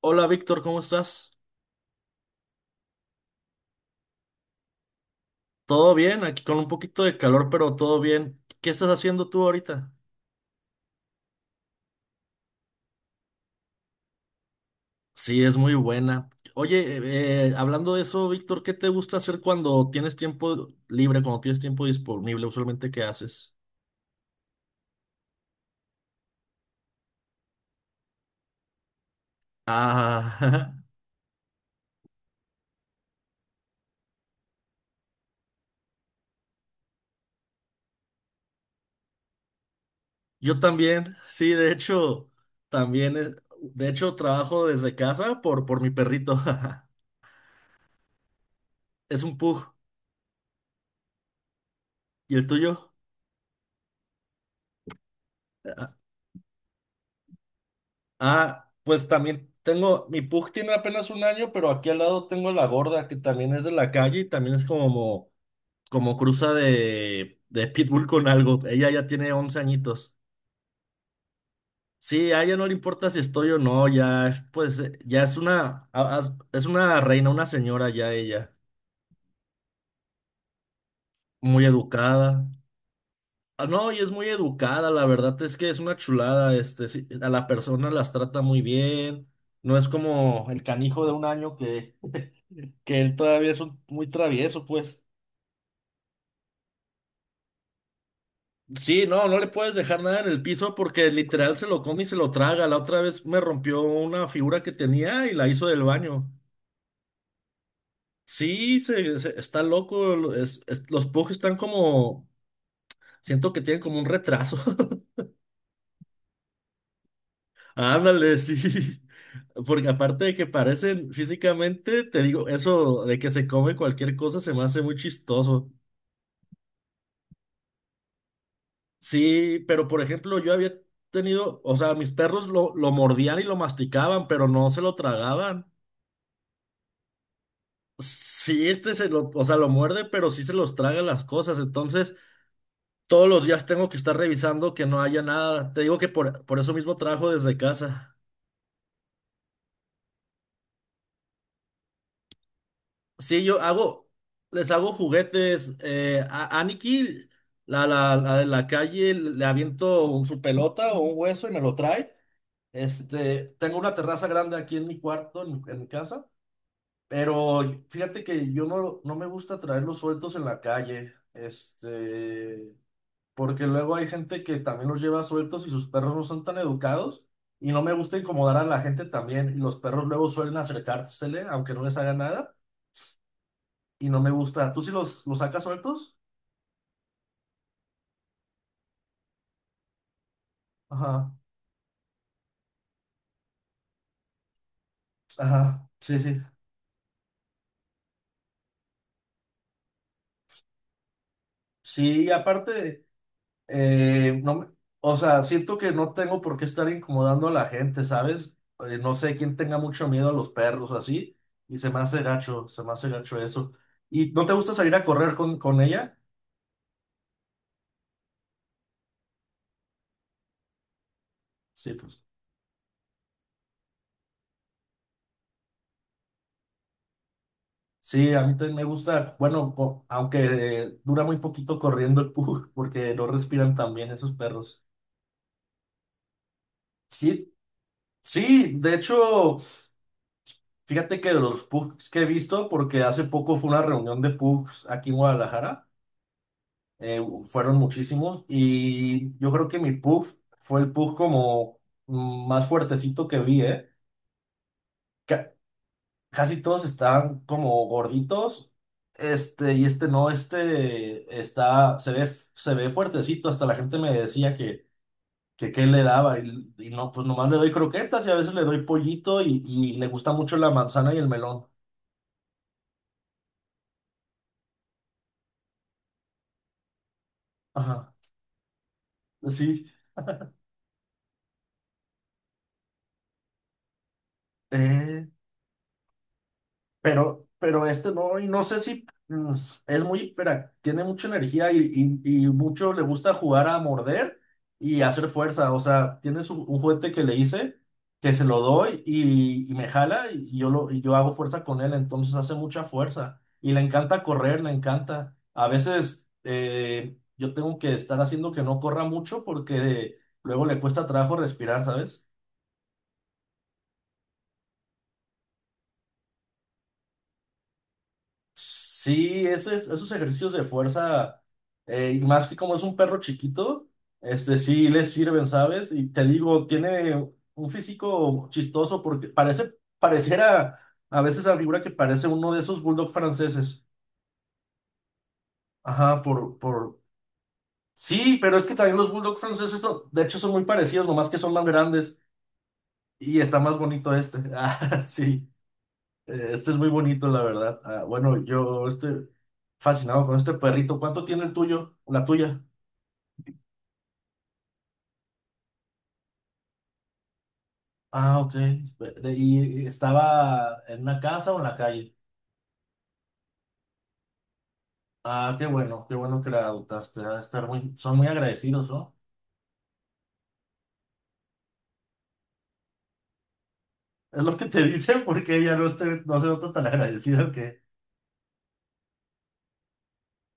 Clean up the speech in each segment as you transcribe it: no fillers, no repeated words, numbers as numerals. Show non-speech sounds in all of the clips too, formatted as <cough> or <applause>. Hola Víctor, ¿cómo estás? ¿Todo bien? Aquí con un poquito de calor, pero todo bien. ¿Qué estás haciendo tú ahorita? Sí, es muy buena. Oye, hablando de eso, Víctor, ¿qué te gusta hacer cuando tienes tiempo libre, cuando tienes tiempo disponible? Usualmente, ¿qué haces? Ah, <laughs> yo también, sí, de hecho, también, de hecho, trabajo desde casa por mi perrito. <laughs> Es un pug. ¿Y el tuyo? Ah, pues también tengo, mi pug tiene apenas un año, pero aquí al lado tengo la gorda, que también es de la calle y también es como, como cruza de pitbull con algo. Ella ya tiene 11 añitos. Sí, a ella no le importa si estoy o no, ya, es, pues, ya es una reina, una señora ya ella, muy educada. Ah, no, y es muy educada, la verdad es que es una chulada, este, sí, a la persona las trata muy bien, no es como el canijo de un año que él todavía muy travieso, pues. Sí, no, no le puedes dejar nada en el piso porque literal se lo come y se lo traga. La otra vez me rompió una figura que tenía y la hizo del baño. Sí, está loco. Los pugs están como, siento que tienen como un retraso. <laughs> Ándale, sí. Porque aparte de que parecen físicamente, te digo, eso de que se come cualquier cosa se me hace muy chistoso. Sí, pero por ejemplo, yo había tenido, o sea, mis perros lo mordían y lo masticaban, pero no se lo tragaban. Sí, este se lo, o sea, lo muerde, pero sí se los traga las cosas. Entonces, todos los días tengo que estar revisando que no haya nada. Te digo que por eso mismo trabajo desde casa. Sí, yo hago, les hago juguetes. A Aniki, la de la calle, le aviento su pelota o un hueso y me lo trae. Este, tengo una terraza grande aquí en mi cuarto, en mi casa. Pero fíjate que yo no, no me gusta traerlos sueltos en la calle, este, porque luego hay gente que también los lleva sueltos y sus perros no son tan educados y no me gusta incomodar a la gente también y los perros luego suelen acercársele aunque no les haga nada y no me gusta. ¿Tú sí los sacas sueltos? Ajá, ajá, sí, sí. Sí, y aparte no, o sea, siento que no tengo por qué estar incomodando a la gente, ¿sabes? No sé quién tenga mucho miedo a los perros o así, y se me hace gacho, se me hace gacho eso. ¿Y no te gusta salir a correr con ella? Sí, pues. Sí, a mí también me gusta, bueno, aunque dura muy poquito corriendo el pug, porque no respiran tan bien esos perros. Sí, sí, de hecho, fíjate que de los pugs que he visto, porque hace poco fue una reunión de pugs aquí en Guadalajara. eh, Fueron muchísimos y yo creo que mi puff fue el puff como más fuertecito que vi, ¿eh? Ca- Casi todos estaban como gorditos, este y este no, este está, se ve fuertecito, hasta la gente me decía que qué le daba y no, pues nomás le doy croquetas y a veces le doy pollito y le gusta mucho la manzana y el melón. Ajá, sí. Eh, pero, este no, y no sé si es muy, tiene mucha energía y, y mucho le gusta jugar a morder y hacer fuerza. O sea, tienes un juguete que le hice, que se lo doy y me jala y yo hago fuerza con él, entonces hace mucha fuerza. Y le encanta correr, le encanta. A veces yo tengo que estar haciendo que no corra mucho porque luego le cuesta trabajo respirar, ¿sabes? Sí, esos ejercicios de fuerza, y más que como es un perro chiquito, este sí les sirven, ¿sabes? Y te digo, tiene un físico chistoso porque parece, pareciera a veces la figura que parece uno de esos bulldog franceses. Ajá, Sí, pero es que también los bulldog franceses, de hecho, son muy parecidos, nomás que son más grandes y está más bonito este. <laughs> Ah, sí. Este es muy bonito, la verdad. Ah, bueno, yo estoy fascinado con este perrito. ¿Cuánto tiene el tuyo? La tuya. Ah, ok. ¿Y estaba en una casa o en la calle? Ah, qué bueno que la adoptaste. Ha de estar muy, son muy agradecidos, ¿no? Es lo que te <laughs> dicen porque ella no, esté, no se nota tan agradecida que.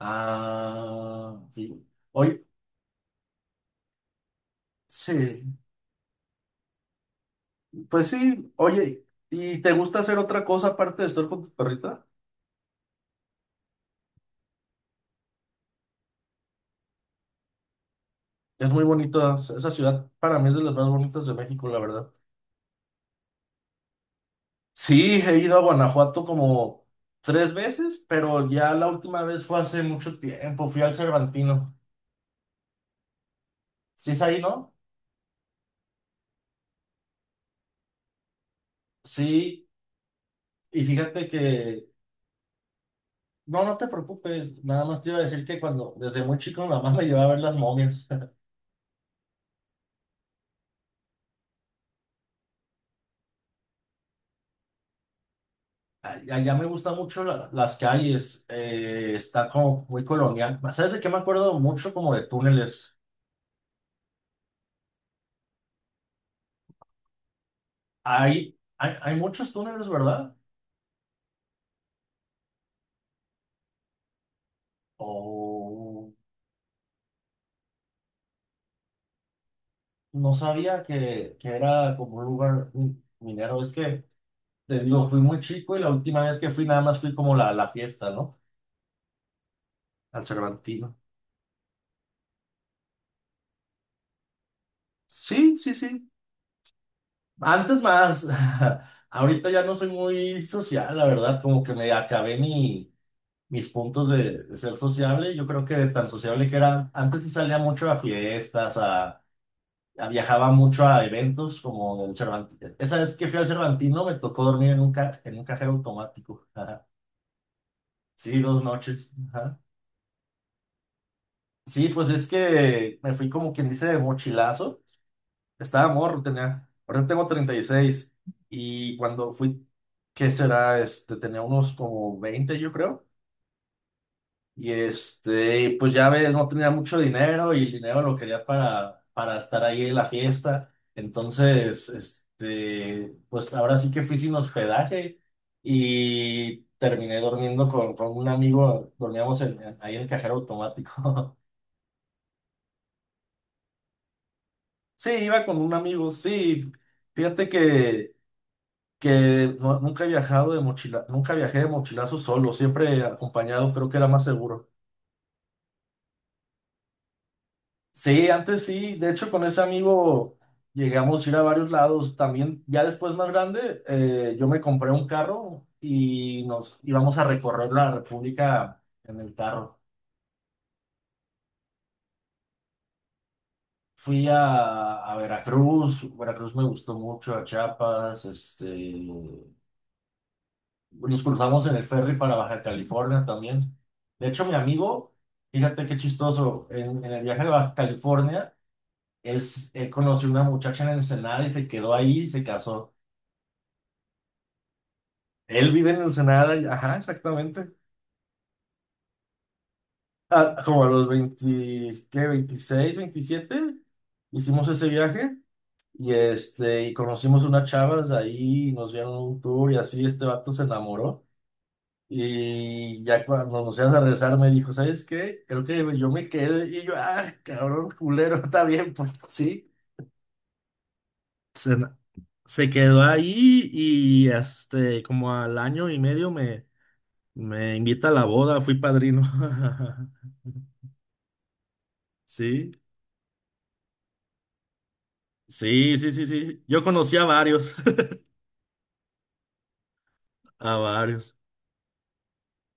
Ah, sí. Oye, sí, pues sí, oye, ¿y te gusta hacer otra cosa aparte de estar con tu perrita? Es muy bonita, esa ciudad para mí es de las más bonitas de México, la verdad. Sí, he ido a Guanajuato como tres veces, pero ya la última vez fue hace mucho tiempo, fui al Cervantino. ¿Sí es ahí, no? Sí, y fíjate que, no, no te preocupes, nada más te iba a decir que cuando, desde muy chico, mi mamá <laughs> me llevaba a ver las momias. <laughs> Allá me gustan mucho las calles, está como muy colonial. ¿Sabes de qué me acuerdo mucho? Como de túneles. Hay muchos túneles, ¿verdad? Oh, no sabía que era como un lugar minero. Es que, te digo, fui muy chico y la última vez que fui nada más fui como la fiesta, ¿no? Al Cervantino. Sí, sí, sí. Antes más. <laughs> Ahorita ya no soy muy social, la verdad. Como que me acabé mi, mis puntos de ser sociable. Yo creo que de tan sociable que era. Antes sí salía mucho a fiestas. A Viajaba mucho a eventos como del Cervantino. Esa vez que fui al Cervantino me tocó dormir en un cajero automático. Ajá. Sí, 2 noches. Ajá. Sí, pues es que me fui como quien dice de mochilazo. Estaba morro, tenía. Ahora tengo treinta y seis y cuando fui, ¿qué será? Este, tenía unos como 20 yo creo. Y este, y pues ya ves, no tenía mucho dinero y el dinero lo quería para estar ahí en la fiesta. Entonces, este, pues ahora sí que fui sin hospedaje y terminé durmiendo con un amigo, dormíamos ahí en el cajero automático. <laughs> Sí, iba con un amigo, sí. Fíjate que, nunca he viajado de mochila, nunca viajé de mochilazo solo, siempre acompañado, creo que era más seguro. Sí, antes sí, de hecho con ese amigo llegamos a ir a varios lados, también ya después más grande yo me compré un carro y nos íbamos a recorrer la República en el carro. Fui a Veracruz. Veracruz me gustó mucho, a Chiapas, este, nos cruzamos en el ferry para Baja California también. De hecho mi amigo, fíjate qué chistoso, en el viaje de Baja California, él conoció una muchacha en Ensenada y se quedó ahí y se casó. Él vive en Ensenada, ajá, exactamente. Ah, como a los 20, ¿qué? 26, 27 hicimos ese viaje y conocimos unas chavas ahí, nos dieron un tour y así este vato se enamoró. Y ya cuando nos íbamos a regresar me dijo, ¿sabes qué? Creo que yo me quedé y yo, ah, cabrón, culero, <laughs> está bien, pues sí. Se, se quedó ahí y este, como al año y medio me invita a la boda, fui padrino. <laughs> Sí, sí, sí, sí, sí. Yo conocí a varios, <laughs> a varios.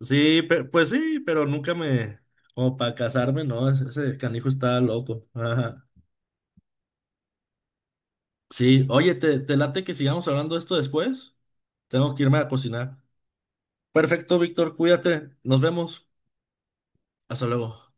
Sí, pues sí, pero nunca me, como para casarme, no, ese canijo está loco. Ajá. Sí, oye, ¿te late que sigamos hablando de esto después? Tengo que irme a cocinar. Perfecto, Víctor, cuídate, nos vemos. Hasta luego.